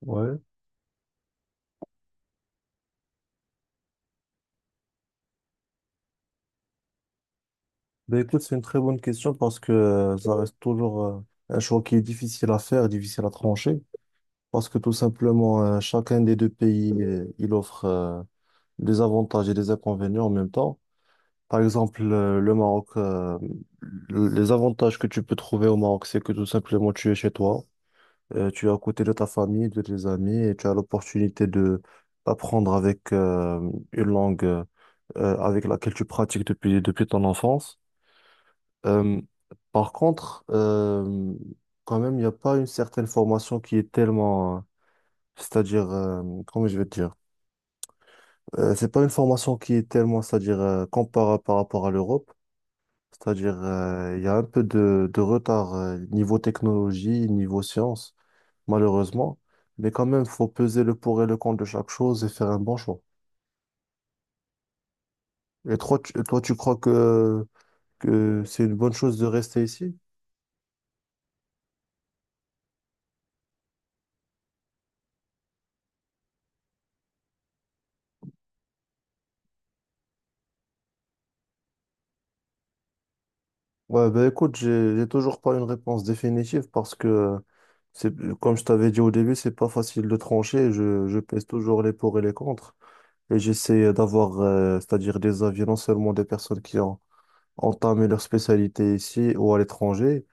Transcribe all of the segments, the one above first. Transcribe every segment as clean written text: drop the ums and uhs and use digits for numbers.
Ouais. Ben écoute, c'est une très bonne question parce que ça reste toujours un choix qui est difficile à faire, difficile à trancher, parce que tout simplement, chacun des deux pays, il offre des avantages et des inconvénients en même temps. Par exemple, le Maroc, les avantages que tu peux trouver au Maroc, c'est que tout simplement, tu es chez toi, tu es à côté de ta famille, de tes amis, et tu as l'opportunité de d'apprendre avec une langue avec laquelle tu pratiques depuis ton enfance. Euh, par contre, quand même, il n'y a pas une certaine formation qui est tellement, c'est-à-dire, comment je vais te dire. C'est pas une formation qui est tellement, c'est-à-dire, comparable par rapport à l'Europe, c'est-à-dire, il y a un peu de retard, niveau technologie, niveau science, malheureusement, mais quand même, il faut peser le pour et le contre de chaque chose et faire un bon choix. Et toi, toi, tu crois que c'est une bonne chose de rester ici? Ouais, bah écoute, j'ai toujours pas une réponse définitive parce que c'est comme je t'avais dit au début, c'est pas facile de trancher. Je pèse toujours les pour et les contre. Et j'essaie d'avoir, c'est-à-dire des avis non seulement des personnes qui ont entamé leur spécialité ici ou à l'étranger.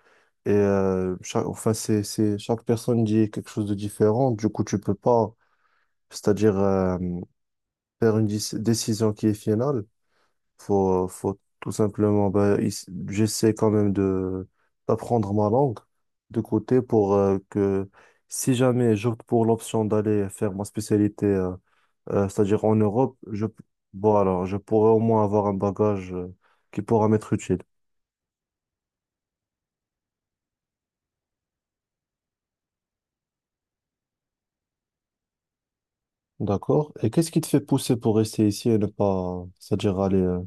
Et chaque, enfin, chaque personne dit quelque chose de différent. Du coup, tu peux pas, c'est-à-dire faire une décision qui est finale. Faut tout simplement, ben, j'essaie quand même de d'apprendre ma langue de côté pour que si jamais j'opte pour l'option d'aller faire ma spécialité, c'est-à-dire en Europe, bon, alors, je pourrais au moins avoir un bagage qui pourra m'être utile. D'accord. Et qu'est-ce qui te fait pousser pour rester ici et ne pas, c'est-à-dire aller,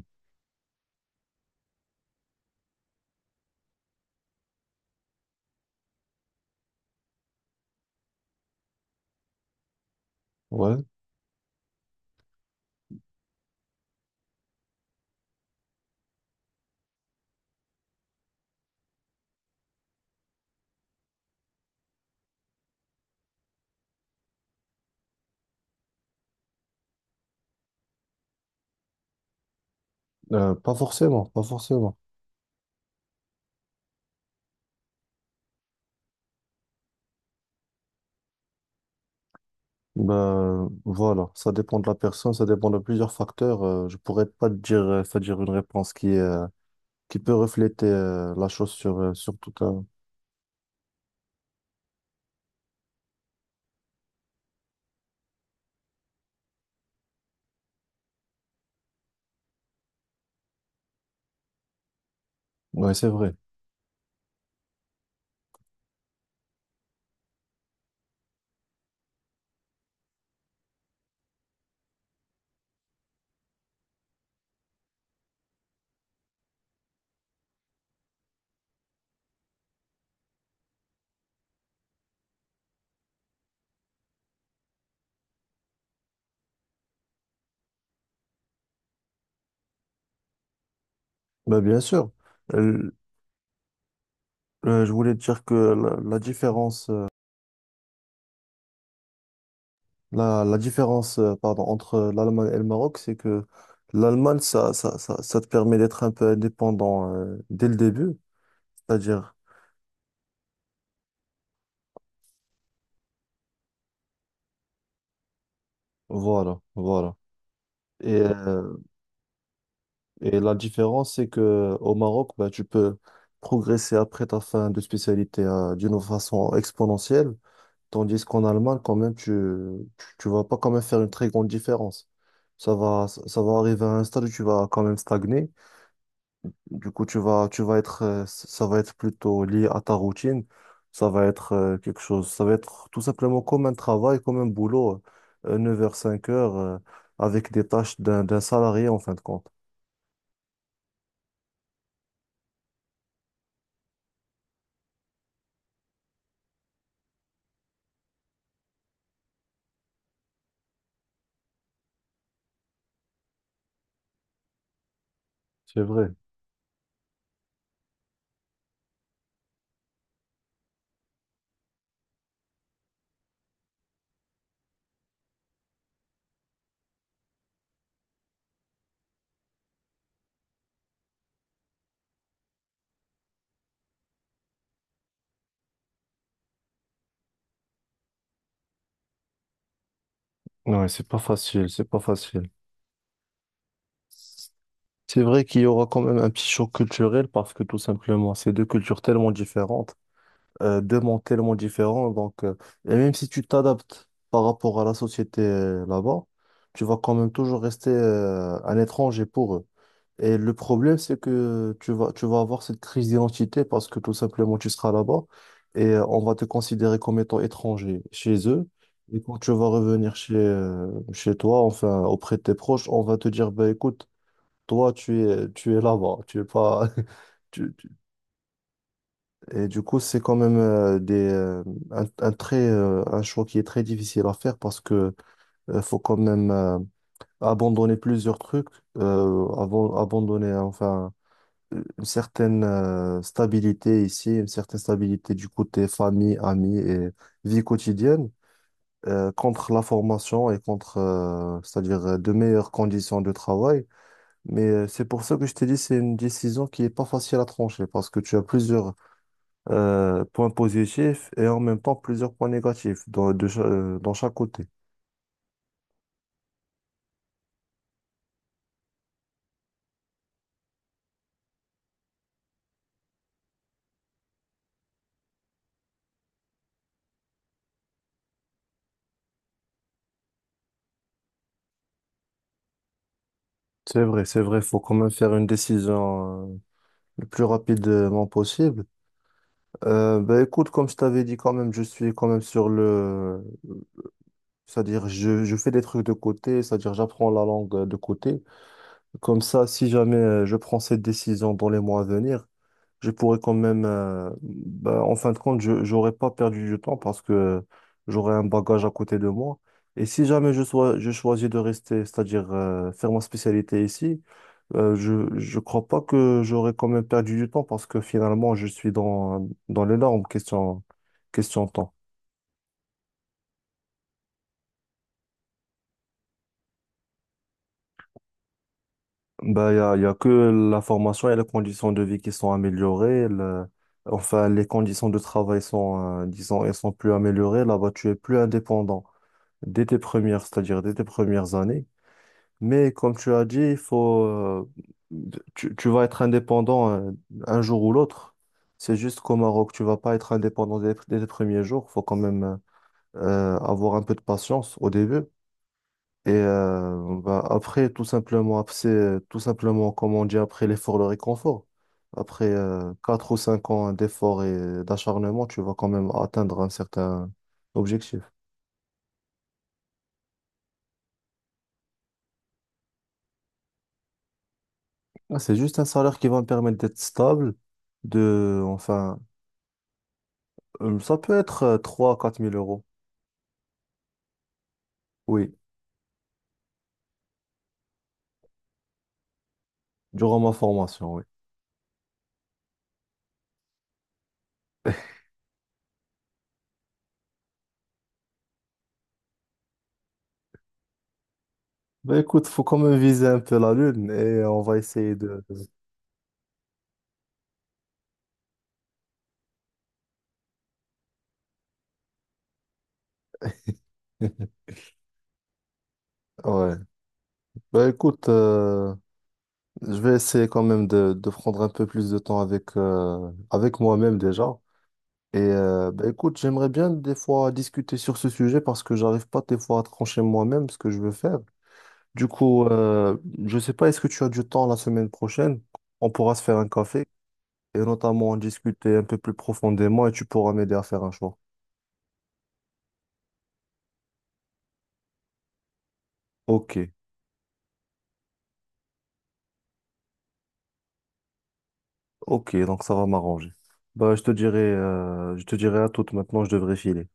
ouais, pas forcément, pas forcément. Ben, voilà, ça dépend de la personne, ça dépend de plusieurs facteurs. Je pourrais pas te dire, c'est-à-dire une réponse qui peut refléter la chose sur tout un. Ouais, c'est vrai. Ben, bien sûr. Euh, je voulais te dire que la différence, la différence, pardon, entre l'Allemagne et le Maroc, c'est que l'Allemagne, ça te permet d'être un peu indépendant dès le début. C'est-à-dire, voilà, voilà. Et ouais. Et la différence, c'est que au Maroc, bah, tu peux progresser après ta fin de spécialité d'une façon exponentielle, tandis qu'en Allemagne, quand même, vas pas quand même faire une très grande différence. Ça va, ça va arriver à un stade où tu vas quand même stagner. Du coup, tu vas être, ça va être plutôt lié à ta routine. Ça va être quelque chose, ça va être tout simplement comme un travail, comme un boulot, neuf heures cinq heures avec des tâches d'un salarié en fin de compte. C'est vrai. Ouais, c'est pas facile, c'est pas facile. C'est vrai qu'il y aura quand même un petit choc culturel parce que tout simplement, c'est deux cultures tellement différentes, deux mondes tellement différents. Donc, et même si tu t'adaptes par rapport à la société là-bas, tu vas quand même toujours rester un étranger pour eux. Et le problème, c'est que tu vas avoir cette crise d'identité parce que tout simplement, tu seras là-bas et on va te considérer comme étant étranger chez eux. Et quand tu vas revenir chez toi, enfin, auprès de tes proches, on va te dire, bah, écoute, toi, tu es là-bas, tu es pas... tu- tu- Et du coup, c'est quand même des, un très, un choix qui est très difficile à faire parce que faut quand même abandonner plusieurs trucs, avant, abandonner, enfin une certaine stabilité ici, une certaine stabilité du côté famille, amis et vie quotidienne, contre la formation et contre, c'est-à-dire de meilleures conditions de travail. Mais c'est pour ça que je t'ai dit, c'est une décision qui est pas facile à trancher parce que tu as plusieurs points positifs et en même temps plusieurs points négatifs dans chaque côté. C'est vrai, faut quand même faire une décision le plus rapidement possible. Bah écoute, comme je t'avais dit quand même, je suis quand même sur le... C'est-à-dire, je fais des trucs de côté, c'est-à-dire j'apprends la langue de côté. Comme ça, si jamais je prends cette décision dans les mois à venir, je pourrais quand même... bah, en fin de compte, je j'aurais pas perdu du temps parce que j'aurais un bagage à côté de moi. Et si jamais je choisis de rester, c'est-à-dire faire ma spécialité ici, je crois pas que j'aurais quand même perdu du temps parce que finalement je suis dans les normes question temps. Bah il y a que la formation et les conditions de vie qui sont améliorées. Enfin les conditions de travail sont disons elles sont plus améliorées. Là-bas tu es plus indépendant dès tes premières c'est-à-dire dès tes premières années. Mais comme tu as dit il faut tu vas être indépendant un jour ou l'autre. C'est juste qu'au Maroc, tu vas pas être indépendant dès les premiers jours. Faut quand même, avoir un peu de patience au début. Et bah, après, tout simplement, après, c'est tout simplement, comme on dit, après l'effort, le réconfort. Après quatre ou 5 ans d'effort et d'acharnement, tu vas quand même atteindre un certain objectif. Ah, c'est juste un salaire qui va me permettre d'être stable, enfin, ça peut être trois quatre mille euros, oui, durant ma formation, oui. Bah écoute, faut quand même viser un peu la lune et on va essayer de... Ouais. Bah écoute, je vais essayer quand même de prendre un peu plus de temps avec, avec moi-même déjà. Et bah, écoute, j'aimerais bien des fois discuter sur ce sujet parce que j'arrive pas des fois à trancher moi-même ce que je veux faire. Du coup, je sais pas, est-ce que tu as du temps la semaine prochaine? On pourra se faire un café et notamment en discuter un peu plus profondément et tu pourras m'aider à faire un choix. Ok, ok, donc ça va m'arranger. Bah, je te dirai, je te dirai à toute maintenant, je devrais filer.